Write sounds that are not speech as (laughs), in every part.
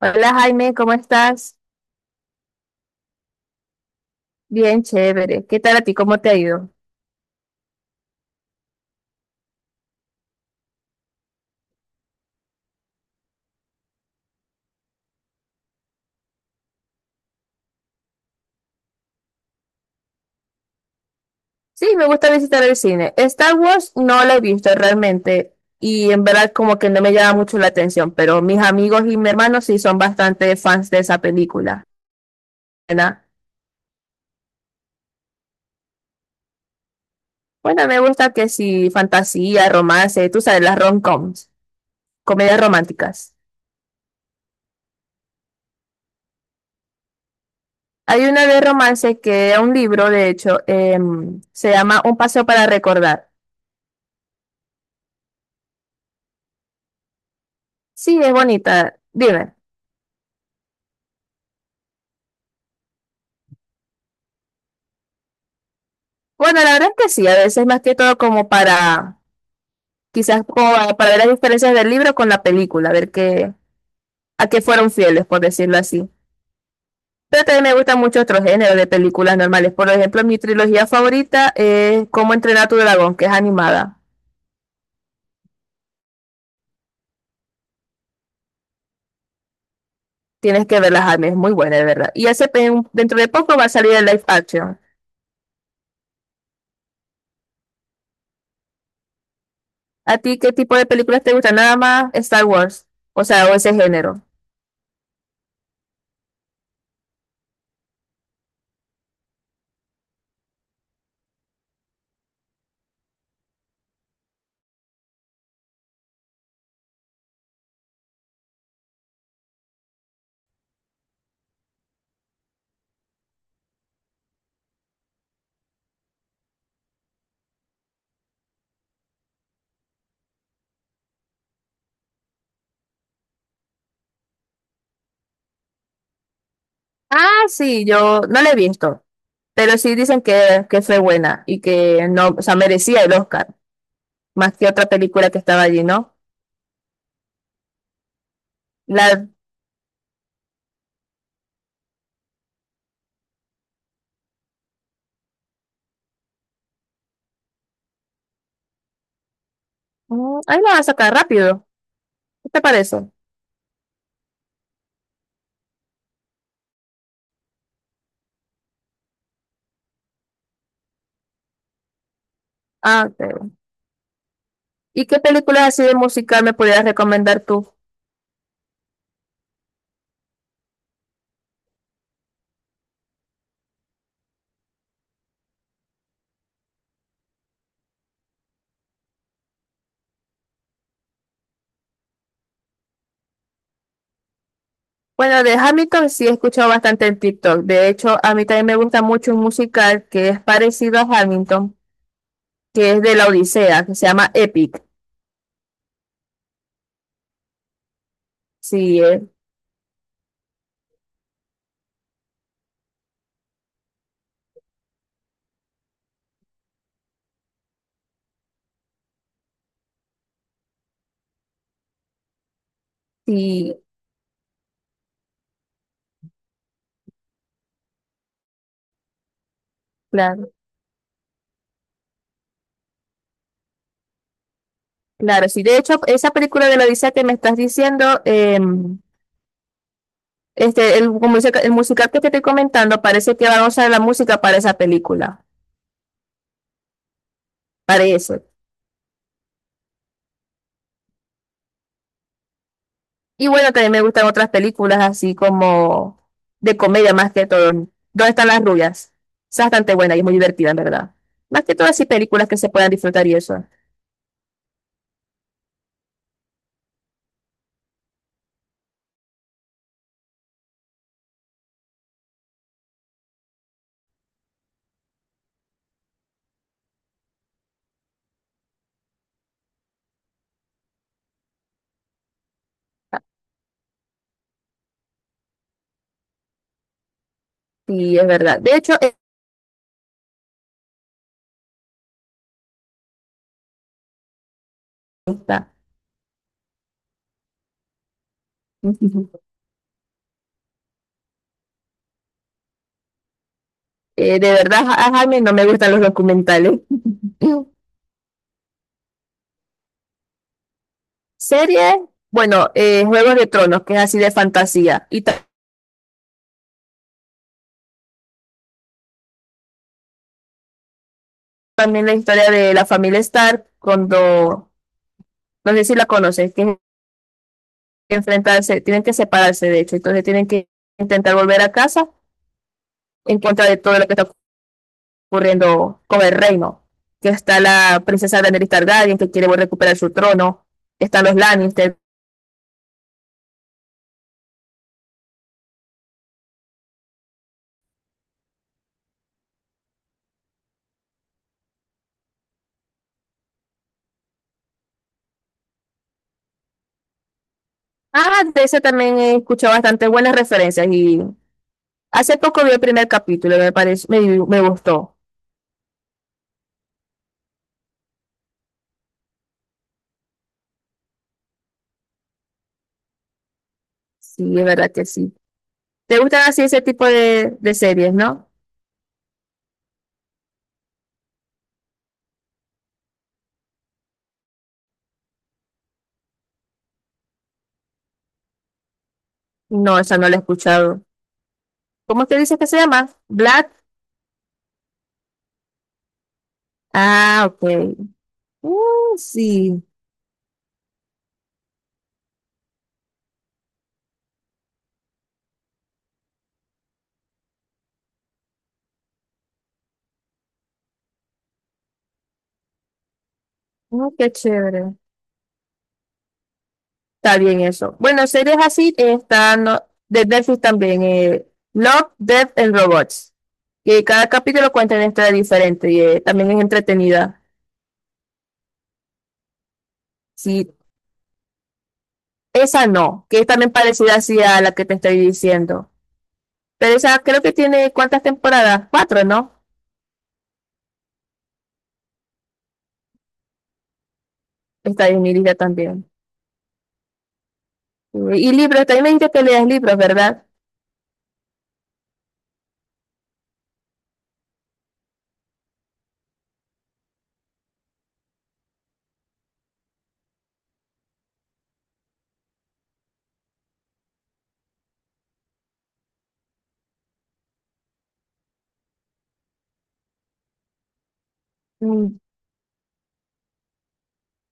Hola Jaime, ¿cómo estás? Bien, chévere. ¿Qué tal a ti? ¿Cómo te ha ido? Sí, me gusta visitar el cine. Star Wars no lo he visto realmente y en verdad como que no me llama mucho la atención, pero mis amigos y mi hermano sí son bastante fans de esa película. ¿Verdad? Bueno, me gusta que sí, fantasía, romance, tú sabes, las rom-coms, comedias románticas. Hay una de romance que es un libro, de hecho, se llama Un paseo para recordar. Sí, es bonita. Dime. Bueno, la verdad es que sí, a veces más que todo como para, quizás como para ver las diferencias del libro con la película, ver qué, a qué fueron fieles, por decirlo así. Pero también me gustan mucho otros géneros de películas normales. Por ejemplo, mi trilogía favorita es Cómo entrenar a tu dragón, que es animada. Tienes que verla, Jaime, es muy buena, de verdad. Y hace dentro de poco va a salir el live action. ¿A ti qué tipo de películas te gustan? Nada más Star Wars, o sea, o ese género. Ah, sí, yo no la he visto. Pero sí dicen que, fue buena y que no, o sea, merecía el Oscar, más que otra película que estaba allí, ¿no? La, Ahí la vas a sacar rápido. ¿Qué te parece? Ah, ok. ¿Y qué películas así de musical me pudieras recomendar tú? Bueno, de Hamilton sí he escuchado bastante en TikTok. De hecho, a mí también me gusta mucho un musical que es parecido a Hamilton, que es de la Odisea, que se llama Epic. Sí, sí, claro, claro. Sí, de hecho, esa película de la Odisea que me estás diciendo, el musical que te estoy comentando, parece que van a usar la música para esa película. Parece. Y bueno, también me gustan otras películas así como de comedia más que todo. ¿Dónde están las rubias? Esa es bastante buena y es muy divertida, en verdad. Más que todo así películas que se puedan disfrutar y eso. Sí, es verdad. De hecho, es esta. (laughs) De verdad, a Jaime no me gustan los documentales. (laughs) Series, bueno, Juegos de Tronos, que es así de fantasía. Y también la historia de la familia Stark cuando, no sé si la conoces, tienen que enfrentarse, tienen que separarse de hecho, entonces tienen que intentar volver a casa en contra de todo lo que está ocurriendo con el reino, que está la princesa Daenerys Targaryen que quiere volver a recuperar su trono, están los Lannister. Ah, de ese también he escuchado bastante buenas referencias y hace poco vi el primer capítulo, me pareció, me gustó. Sí, es verdad que sí. ¿Te gustan así ese tipo de, series, no? No, esa no la he escuchado. ¿Cómo te dice que se llama? Black. Ah, ok. Sí. Qué chévere. Está bien eso. Bueno, series así están no, de Netflix también. Love, Death and Robots. Que cada capítulo cuenta una historia diferente y también es entretenida. Sí, esa no, que es también parecida así a la que te estoy diciendo. Pero esa creo que tiene, ¿cuántas temporadas? ¿Cuatro, no? Está en mi lista también. Y libros, también me dijiste que leas libros, ¿verdad? Mm,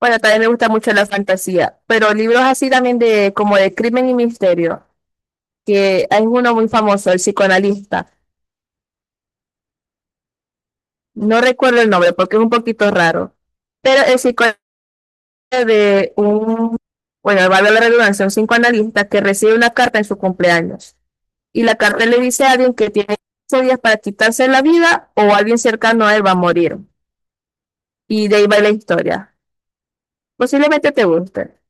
Bueno, también me gusta mucho la fantasía, pero libros así también de como de crimen y misterio, que hay uno muy famoso, el psicoanalista. No recuerdo el nombre porque es un poquito raro, pero el psicoanalista de un, bueno, valga la redundancia, un psicoanalista que recibe una carta en su cumpleaños y la carta le dice a alguien que tiene 15 días para quitarse la vida o alguien cercano a él va a morir. Y de ahí va la historia. Posiblemente te guste.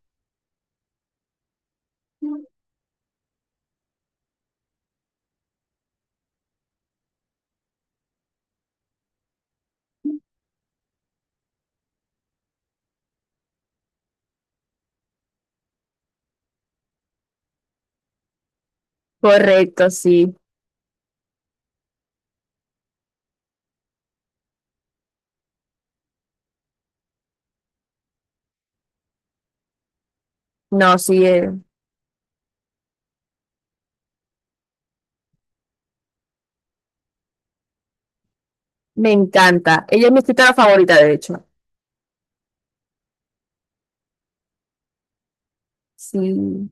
Correcto, sí. No, sí. Me encanta. Ella es mi escritora favorita, de hecho. Sí.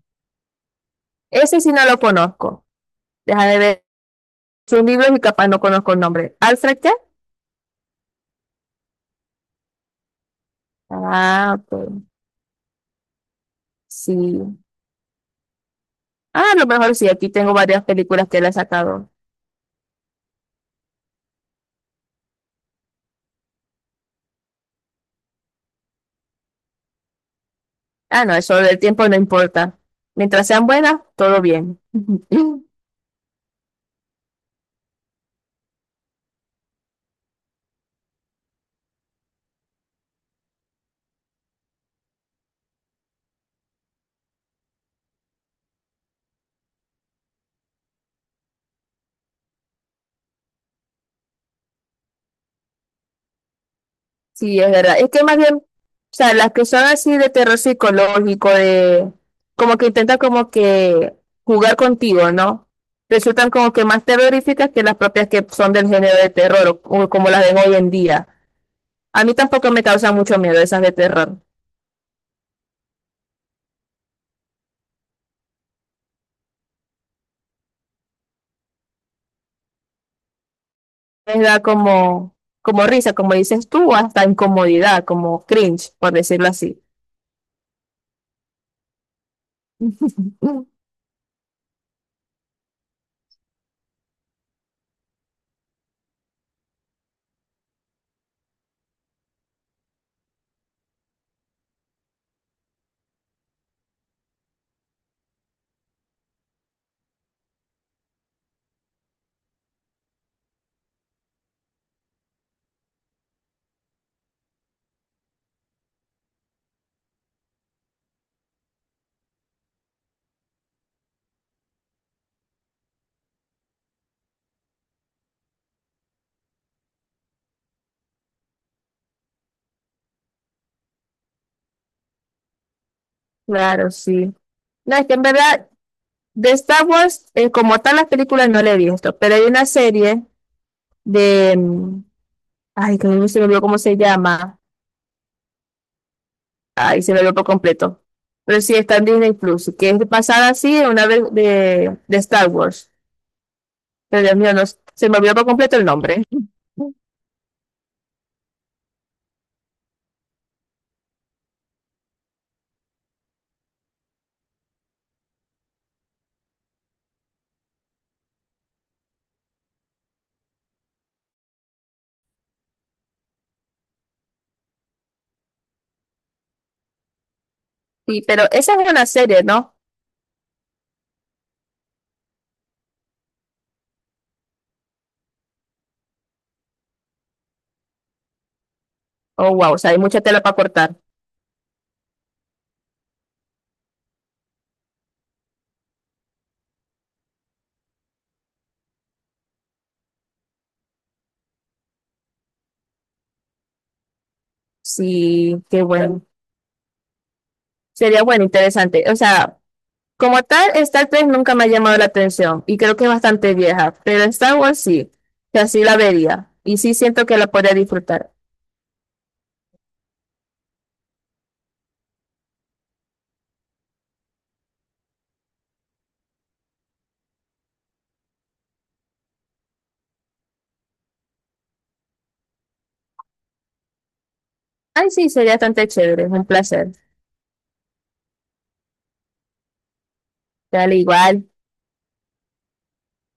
Ese sí no lo conozco. Deja de ver sus libros y capaz no conozco el nombre. ¿Alfred qué? Ah, ok. Sí. Ah, a lo mejor sí. Aquí tengo varias películas que él ha sacado. Ah, no, eso del tiempo no importa. Mientras sean buenas, todo bien. (laughs) Sí, es verdad. Es que más bien, o sea, las que son así de terror psicológico, de como que intentan como que jugar contigo, ¿no? Resultan como que más terroríficas que las propias que son del género de terror o como las de hoy en día. A mí tampoco me causan mucho miedo esas de terror. Me da como risa, como dices tú, o hasta incomodidad, como cringe, por decirlo así. (laughs) Claro, sí. No, es que en verdad, de Star Wars, como tal, las películas no le he visto, pero hay una serie de, ay, que no se me olvidó cómo se llama, ay, se me olvidó por completo, pero sí, está en Disney Plus, que es basada así en una vez de Star Wars, pero Dios mío, no, se me olvidó por completo el nombre. Sí, pero esa es una serie, ¿no? Oh, wow, o sea, hay mucha tela para cortar. Sí, qué bueno. Sería bueno, interesante. O sea, como tal, Star Trek nunca me ha llamado la atención y creo que es bastante vieja, pero Star Wars sí, que así la vería y sí siento que la podría disfrutar. Ay, sí, sería bastante chévere, es un placer. Dale igual.